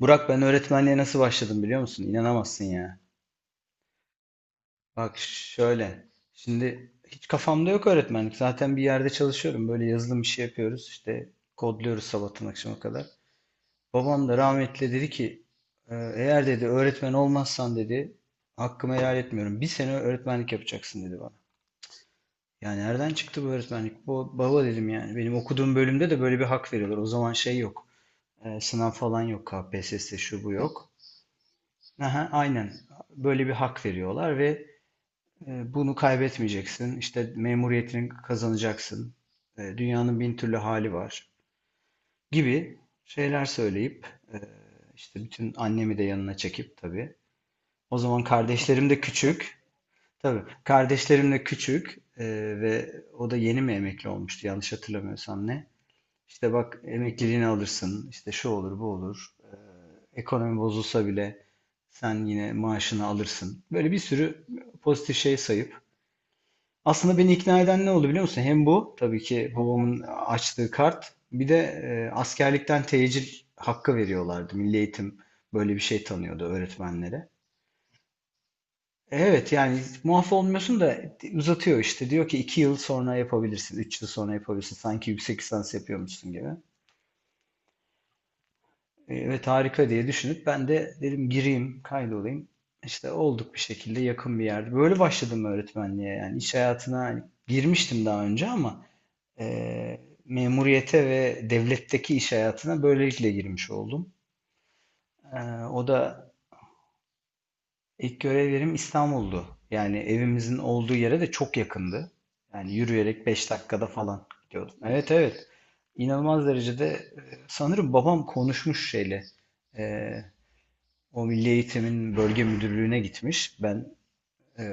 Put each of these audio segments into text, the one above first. Burak ben öğretmenliğe nasıl başladım biliyor musun? İnanamazsın ya. Bak şöyle. Şimdi hiç kafamda yok öğretmenlik. Zaten bir yerde çalışıyorum. Böyle yazılım işi yapıyoruz. İşte kodluyoruz sabahtan akşama kadar. Babam da rahmetli dedi ki "Eğer dedi öğretmen olmazsan dedi hakkımı helal etmiyorum. Bir sene öğretmenlik yapacaksın dedi bana. Yani nereden çıktı bu öğretmenlik? Bu baba dedim yani. Benim okuduğum bölümde de böyle bir hak veriyorlar. O zaman şey yok. Sınav falan yok. KPSS şu bu yok. Aha, aynen. Böyle bir hak veriyorlar ve bunu kaybetmeyeceksin. İşte memuriyetini kazanacaksın. Dünyanın bin türlü hali var gibi şeyler söyleyip e, işte bütün annemi de yanına çekip tabii. O zaman kardeşlerim de küçük. Tabii kardeşlerim de küçük, ve o da yeni mi emekli olmuştu yanlış hatırlamıyorsam ne. İşte bak emekliliğini alırsın, işte şu olur, bu olur. Ekonomi bozulsa bile sen yine maaşını alırsın. Böyle bir sürü pozitif şey sayıp. Aslında beni ikna eden ne oldu biliyor musun? Hem bu, tabii ki babamın açtığı kart, bir de askerlikten tecil hakkı veriyorlardı. Milli Eğitim böyle bir şey tanıyordu öğretmenlere. Evet yani muaf olmuyorsun da uzatıyor işte. Diyor ki 2 yıl sonra yapabilirsin, 3 yıl sonra yapabilirsin. Sanki yüksek lisans yapıyormuşsun gibi. Evet harika diye düşünüp ben de dedim gireyim kaydolayım. İşte olduk bir şekilde yakın bir yerde. Böyle başladım öğretmenliğe yani iş hayatına hani girmiştim daha önce ama e, memuriyete ve devletteki iş hayatına böylelikle girmiş oldum. E, o da ilk görev yerim İstanbul'du. Yani evimizin olduğu yere de çok yakındı. Yani yürüyerek 5 dakikada falan gidiyordum. Evet, evet. İnanılmaz derecede, sanırım babam konuşmuş şeyle. e, O Milli Eğitim'in bölge müdürlüğüne gitmiş. Ben, e,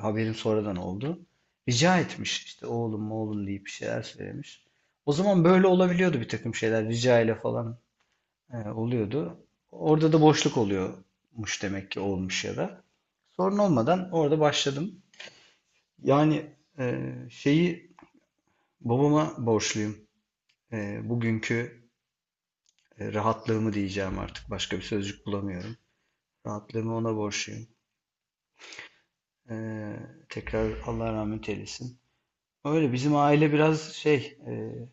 haberim sonradan oldu. Rica etmiş işte oğlum oğlum deyip bir şeyler söylemiş. O zaman böyle olabiliyordu bir takım şeyler rica ile falan oluyordu. Orada da boşluk oluyormuş demek ki olmuş ya da. Sorun olmadan orada başladım. Yani şeyi babama borçluyum. Bugünkü rahatlığımı diyeceğim artık başka bir sözcük bulamıyorum. Rahatlığımı ona borçluyum. Eee, tekrar Allah rahmet eylesin. Öyle bizim aile biraz şey, eee,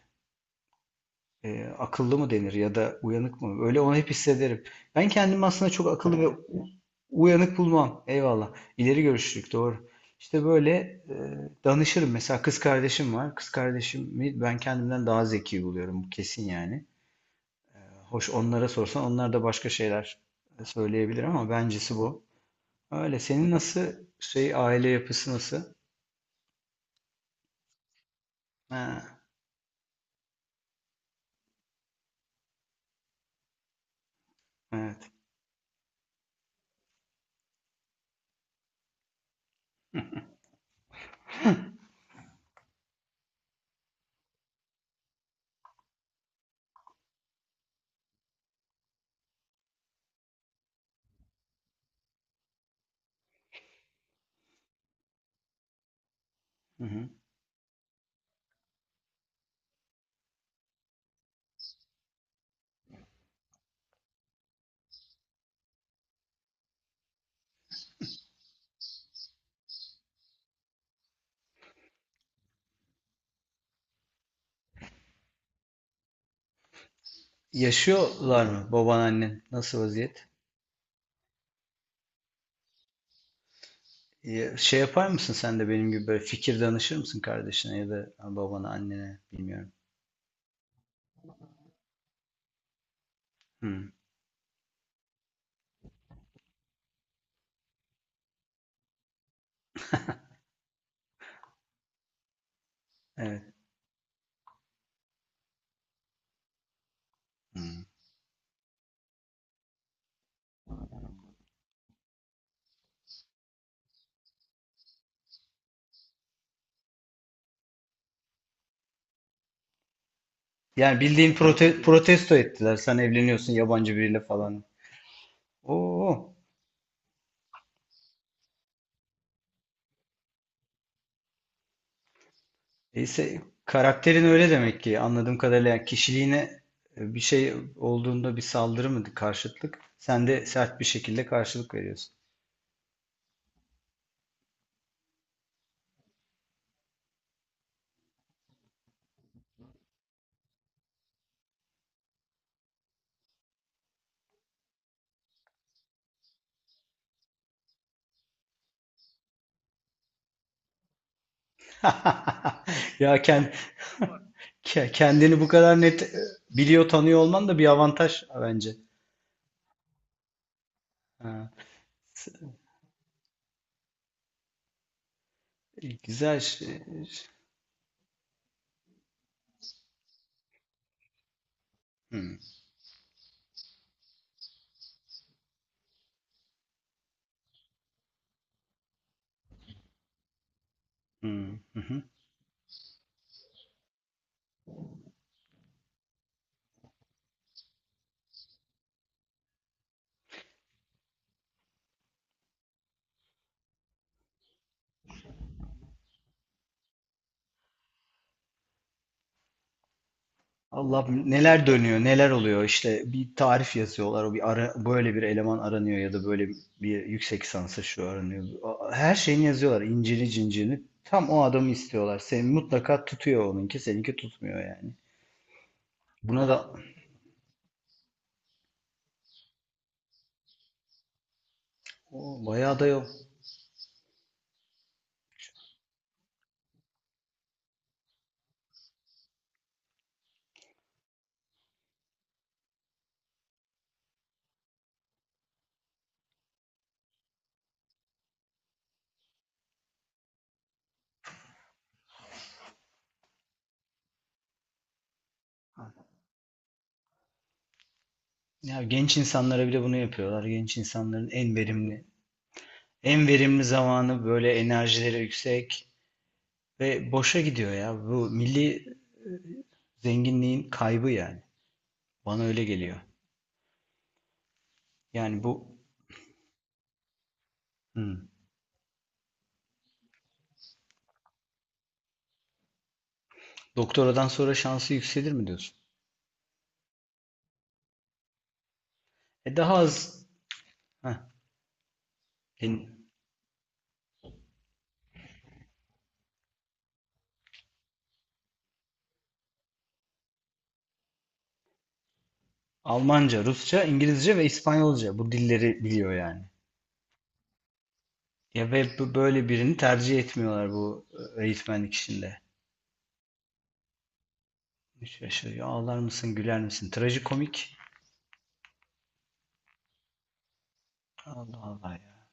eee, akıllı mı denir ya da uyanık mı? Öyle onu hep hissederim. Ben kendimi aslında çok akıllı ve uyanık bulmam. Eyvallah. İleri görüşlülük doğru. İşte böyle danışırım. Mesela kız kardeşim var. Kız kardeşimi ben kendimden daha zeki buluyorum. Bu kesin yani. Hoş onlara sorsan onlar da başka şeyler söyleyebilir ama bencesi bu. Öyle. Senin nasıl, aile yapısı nasıl? Ha, evet. Hı hı. Yaşıyorlar mı baban annen? Nasıl vaziyet? Yapar mısın sen de benim gibi böyle fikir danışır mısın kardeşine ya da babana annene bilmiyorum. Hmm, evet. Hmm. Yani bildiğin protesto ettiler. Sen evleniyorsun yabancı biriyle falan. Oo. Neyse karakterin öyle demek ki anladığım kadarıyla yani kişiliğine, bir şey olduğunda bir saldırı mı, karşıtlık? Sen de sert bir şekilde karşılık veriyorsun. Ya, kendini bu kadar net, biliyor, tanıyor olman da bir avantaj bence. Ha. Güzel şey. Hmm, hmm, hı hı. Allah neler dönüyor, neler oluyor. İşte bir tarif yazıyorlar. O bir ara, böyle bir eleman aranıyor ya da böyle bir yüksek lisansa şu aranıyor. Her şeyini yazıyorlar. İncini cincirini. Tam o adamı istiyorlar. Seni mutlaka tutuyor onunki, seninki tutmuyor yani. Buna da o, bayağı da yok. Ya genç insanlara bile bunu yapıyorlar. Genç insanların en verimli zamanı böyle enerjileri yüksek ve boşa gidiyor ya. Bu milli zenginliğin kaybı yani. Bana öyle geliyor. Yani bu hmm. Doktoradan sonra şansı yükselir mi diyorsun? Daha az Heh. En- Almanca, Rusça, İngilizce ve İspanyolca bu dilleri biliyor yani. Ya ve böyle birini tercih etmiyorlar bu eğitmenlik işinde. Şaşırıyor. Ağlar mısın, güler misin? Trajikomik. Allah Allah ya.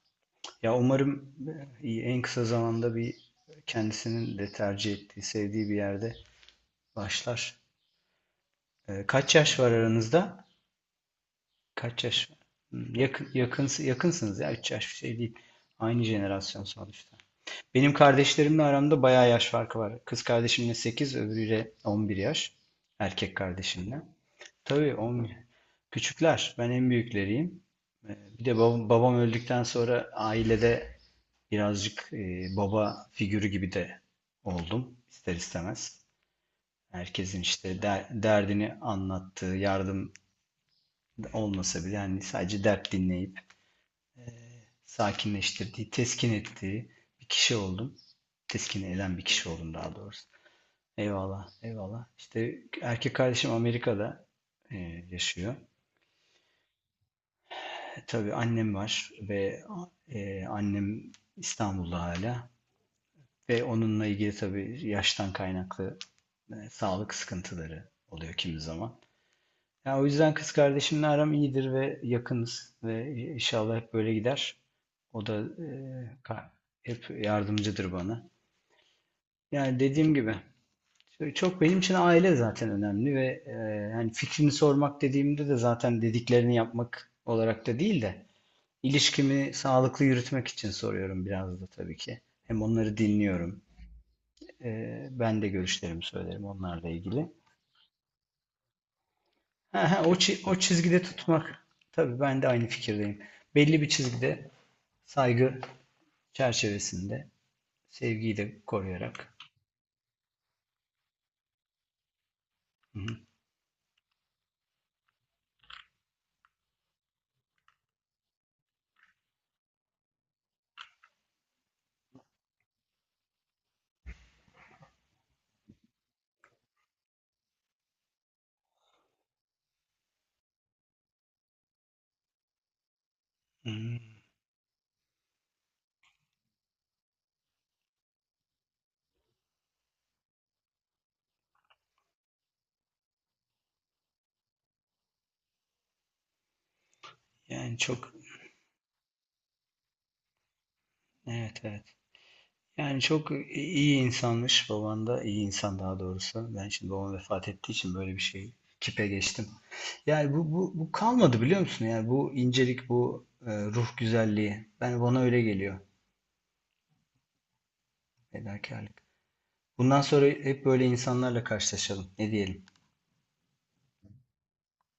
Ya umarım, en kısa zamanda bir kendisinin de tercih ettiği, sevdiği bir yerde başlar. Kaç yaş var aranızda? Kaç yaş var? Yakın, yakın, yakınsınız ya. 3 yaş bir şey değil. Aynı jenerasyon sonuçta. Benim kardeşlerimle aramda bayağı yaş farkı var. Kız kardeşimle 8, öbürüyle 11 yaş. Erkek kardeşimle. Tabii 11. Küçükler. Ben en büyükleriyim. E, Bir de babam öldükten sonra ailede birazcık, baba figürü gibi de oldum ister istemez. Herkesin işte derdini anlattığı, yardım olmasa bile yani sadece dert dinleyip sakinleştirdiği, teskin ettiği bir kişi oldum. Teskin eden bir kişi oldum daha doğrusu. Eyvallah, eyvallah. İşte erkek kardeşim Amerika'da e, yaşıyor. Tabii annem var ve annem İstanbul'da hala. Ve onunla ilgili tabii yaştan kaynaklı, sağlık sıkıntıları oluyor kimi zaman. Yani o yüzden kız kardeşimle aram iyidir ve yakınız ve inşallah hep böyle gider. O da ka- hep yardımcıdır bana. Yani dediğim gibi işte çok benim için aile zaten önemli ve hani fikrini sormak dediğimde de zaten dediklerini yapmak olarak da değil de ilişkimi sağlıklı yürütmek için soruyorum biraz da tabii ki. Hem onları dinliyorum. Ben de görüşlerimi söylerim onlarla ilgili. Ha, ha, o çizgide tutmak. Tabii ben de aynı fikirdeyim. Belli bir çizgide saygı çerçevesinde sevgiyi de koruyarak. Hı hı. Hmm, Yani çok, evet, evet. Yani çok iyi insanmış baban da iyi insan daha doğrusu. Ben şimdi babam vefat ettiği için böyle bir şey kipe geçtim. Yani bu kalmadı biliyor musun? Yani bu incelik, bu ruh güzelliği. Ben bana öyle geliyor. Fedakarlık. Bundan sonra hep böyle insanlarla karşılaşalım. Ne diyelim?